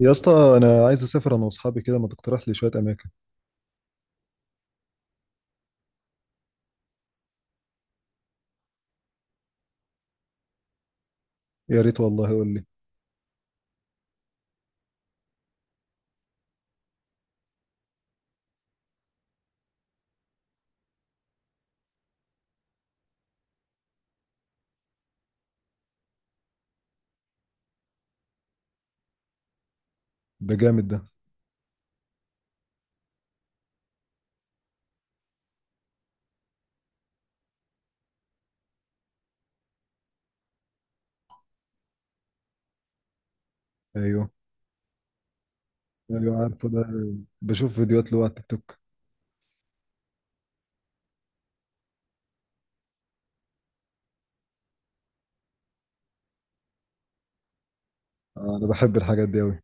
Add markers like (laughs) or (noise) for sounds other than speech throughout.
يا اسطى، انا عايز اسافر انا واصحابي كده، ما تقترح لي شويه اماكن؟ يا ريت والله، قول لي. ده جامد ده. ايوه، ايوه، عارفه ده. بشوف فيديوهات له على التيك توك. آه، انا بحب الحاجات دي قوي.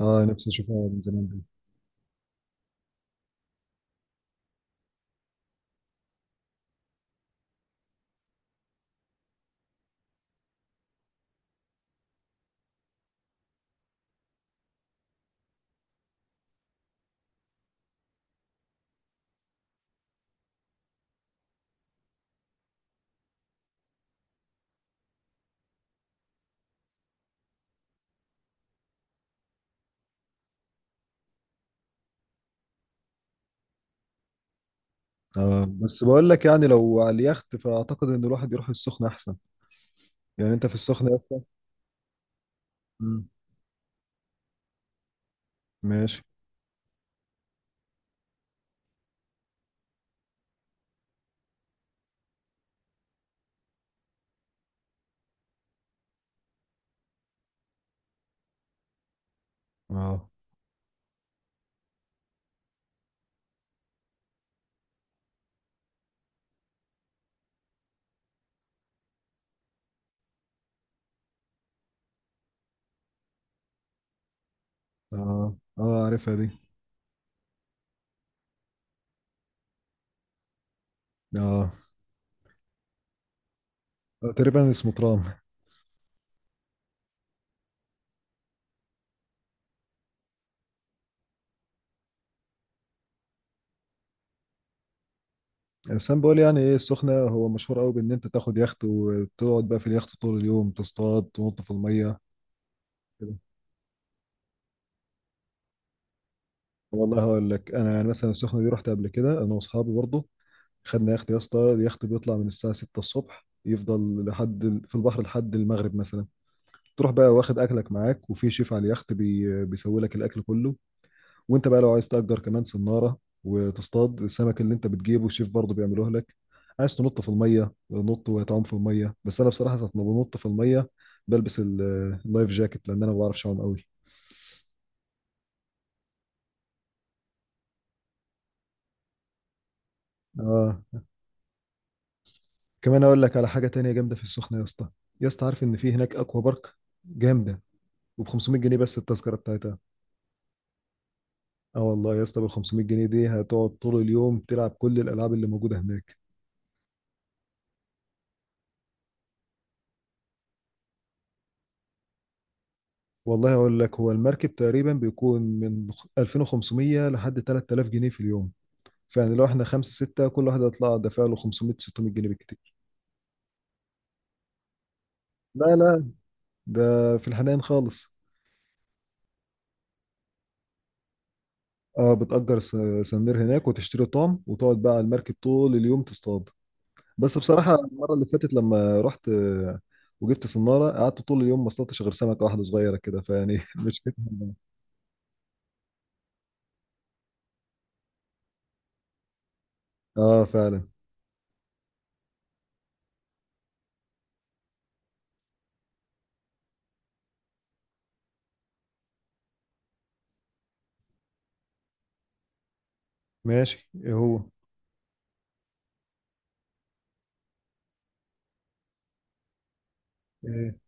اه، نفسي اشوفها من زمان دي. اه، بس بقول لك، يعني لو على اليخت فاعتقد ان الواحد يروح السخنه احسن. يعني انت في السخنه يا اسطى؟ مم. ماشي. اه، اه، اه، عارفها دي. اه، تقريبا اسمه ترام. بس انا بقول يعني ايه، السخنه هو مشهور قوي بان انت تاخد يخت وتقعد بقى في اليخت طول اليوم تصطاد تنط في الميه. كده. والله هقول لك انا، يعني مثلا السخنه دي رحت قبل كده انا واصحابي برضه. خدنا يخت يا اسطى، اليخت بيطلع من الساعه 6 الصبح، يفضل لحد في البحر لحد المغرب مثلا. تروح بقى واخد اكلك معاك، وفي شيف على اليخت بيسوي لك الاكل كله. وانت بقى لو عايز تأجر كمان صناره وتصطاد السمك اللي انت بتجيبه، الشيف برضه بيعملوه لك. عايز تنط في الميه نط وتعوم في الميه، بس انا بصراحه ساعه ما بنط في الميه بلبس اللايف جاكيت، لان انا ما بعرفش اعوم قوي. اه، كمان اقول لك على حاجه تانية جامده في السخنه يا اسطى. يا اسطى، عارف ان في هناك اكوا بارك؟ جامده، وب 500 جنيه بس التذكره بتاعتها. اه والله يا اسطى، بال 500 جنيه دي هتقعد طول اليوم تلعب كل الالعاب اللي موجوده هناك. والله اقول لك، هو المركب تقريبا بيكون من 2500 لحد 3000 جنيه في اليوم. فيعني لو احنا خمسة ستة، كل واحد هيطلع دافع له 500، 600 جنيه بالكتير. لا، لا، ده في الحنان خالص. اه، بتأجر سنير هناك وتشتري طعم وتقعد بقى على المركب طول اليوم تصطاد. بس بصراحة المرة اللي فاتت لما رحت وجبت صنارة، قعدت طول اليوم ما اصطادتش غير سمكة واحدة صغيرة كده، فيعني (laughs) مشكلتها. اه، فعلا. ماشي، ايه هو؟ ايه.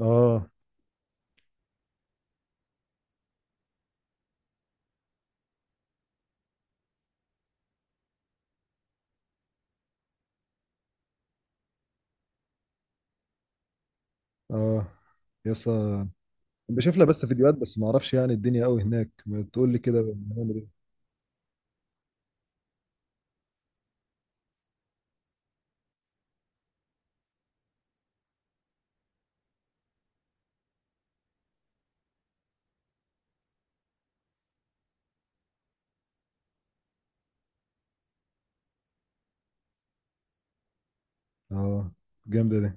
اه، اه، يسا. بشوف لها بس فيديوهات، بس ما اعرفش يعني، الدنيا قوي هناك، ما تقول لي كده بنعمل ايه. اه، جامدة دي.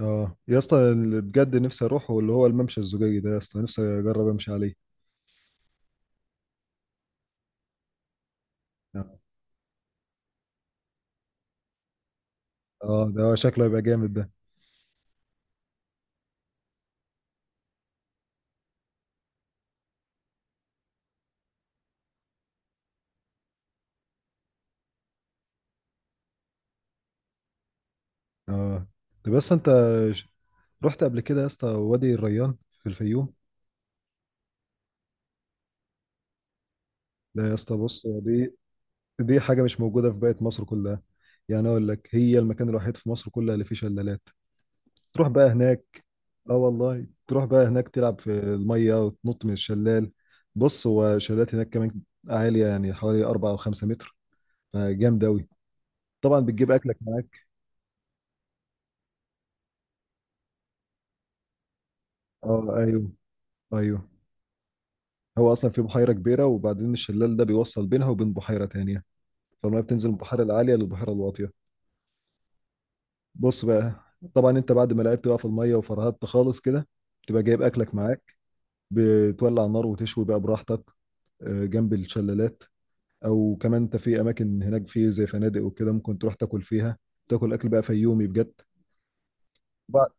اه يا اسطى، اللي بجد نفسي اروحه اللي هو الممشى الزجاجي ده، يا اسطى نفسي اجرب امشي عليه. اه، ده شكله يبقى جامد ده. اه طب، بس انت ش- رحت قبل كده يا اسطى وادي الريان في الفيوم؟ لا يا اسطى، بص، دي حاجه مش موجوده في باقي مصر كلها. يعني اقول لك، هي المكان الوحيد في مصر كلها اللي فيه شلالات. تروح بقى هناك. اه والله، تروح بقى هناك تلعب في الميه وتنط من الشلال. بص، هو شلالات هناك كمان عاليه، يعني حوالي 4 او 5 متر، فجامد اوي. طبعا بتجيب اكلك معاك. اه، ايوه، ايوه. هو اصلا في بحيره كبيره، وبعدين الشلال ده بيوصل بينها وبين بحيره تانيه. فالميه بتنزل من البحيره العاليه للبحيره الواطيه. بص بقى. طبعا انت بعد ما لعبت بقى في الميه وفرهدت خالص كده، بتبقى جايب اكلك معاك. بتولع النار وتشوي بقى براحتك، جنب الشلالات. او كمان انت في اماكن هناك في زي فنادق وكده، ممكن تروح تاكل فيها. تاكل اكل بقى فيومي بجد. بقى-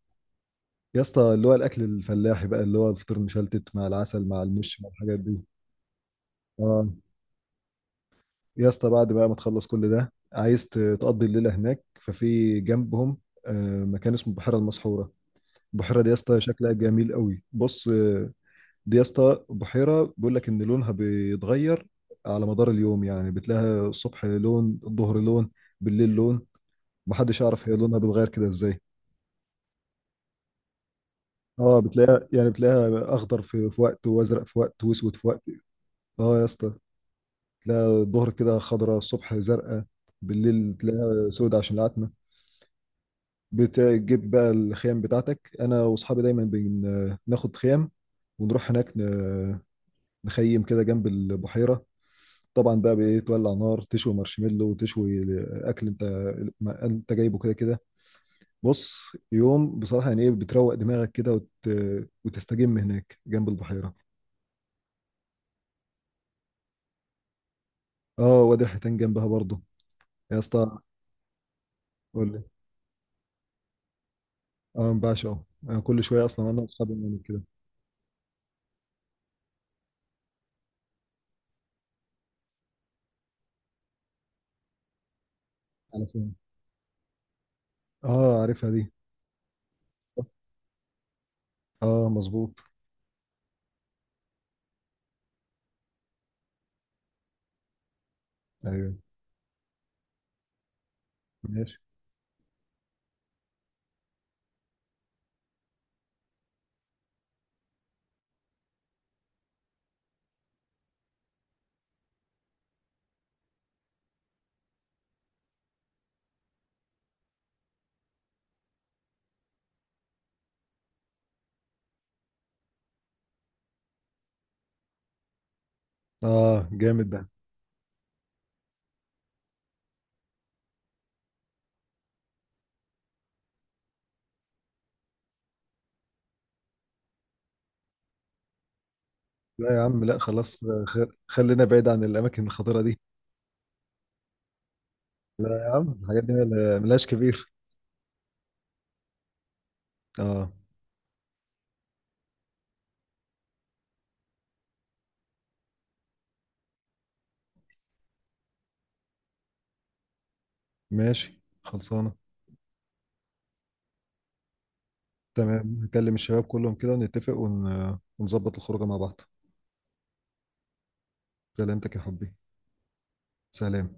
يا اسطى، اللي هو الاكل الفلاحي بقى، اللي هو الفطير مشلتت مع العسل مع المش مع الحاجات دي. اه يا اسطى، بعد بقى ما تخلص كل ده، عايز تقضي الليله هناك، ففي جنبهم مكان اسمه البحيره المسحوره. البحيره دي يا اسطى شكلها جميل قوي، بص، دي يا اسطى بحيره بيقول لك ان لونها بيتغير على مدار اليوم، يعني بتلاقيها الصبح لون، الظهر لون، بالليل لون. محدش يعرف هي لونها بيتغير كده ازاي. اه، بتلاقيها يعني بتلاقيها اخضر في وقت، وازرق في وقت، واسود في وقت. اه يا اسطى، تلاقيها الظهر كده خضراء، الصبح زرقاء، بالليل تلاقيها سود عشان العتمه. بتجيب بقى الخيام بتاعتك، انا واصحابي دايما بناخد خيام. ونروح هناك مخيم كده جنب البحيره. طبعا بقى بايه تولع نار، تشوي مارشميلو وتشوي اكل انت ما انت جايبه كده كده. بص. يوم بصراحه، يعني ايه، بتروق دماغك كده وتستجم هناك جنب البحيره. اه، وادي الحيتان جنبها برضه يا اسطى. قول لي. اه، ما بعشقه. انا كل شويه اصلا انا واصحابي بنعمل كده. على فين؟ اه، عارفها دي. اه، مظبوط. ايوه. ماشي. اه، جامد ده. لا يا عم، لا، خلاص، خلينا بعيد عن الاماكن الخطيره دي. يا عم الحاجات دي ملهاش كبير. اه. ماشي، خلصانة. تمام، هكلم الشباب كلهم كده ونتفق ونظبط الخروجة مع بعض. سلامتك يا حبي. سلام.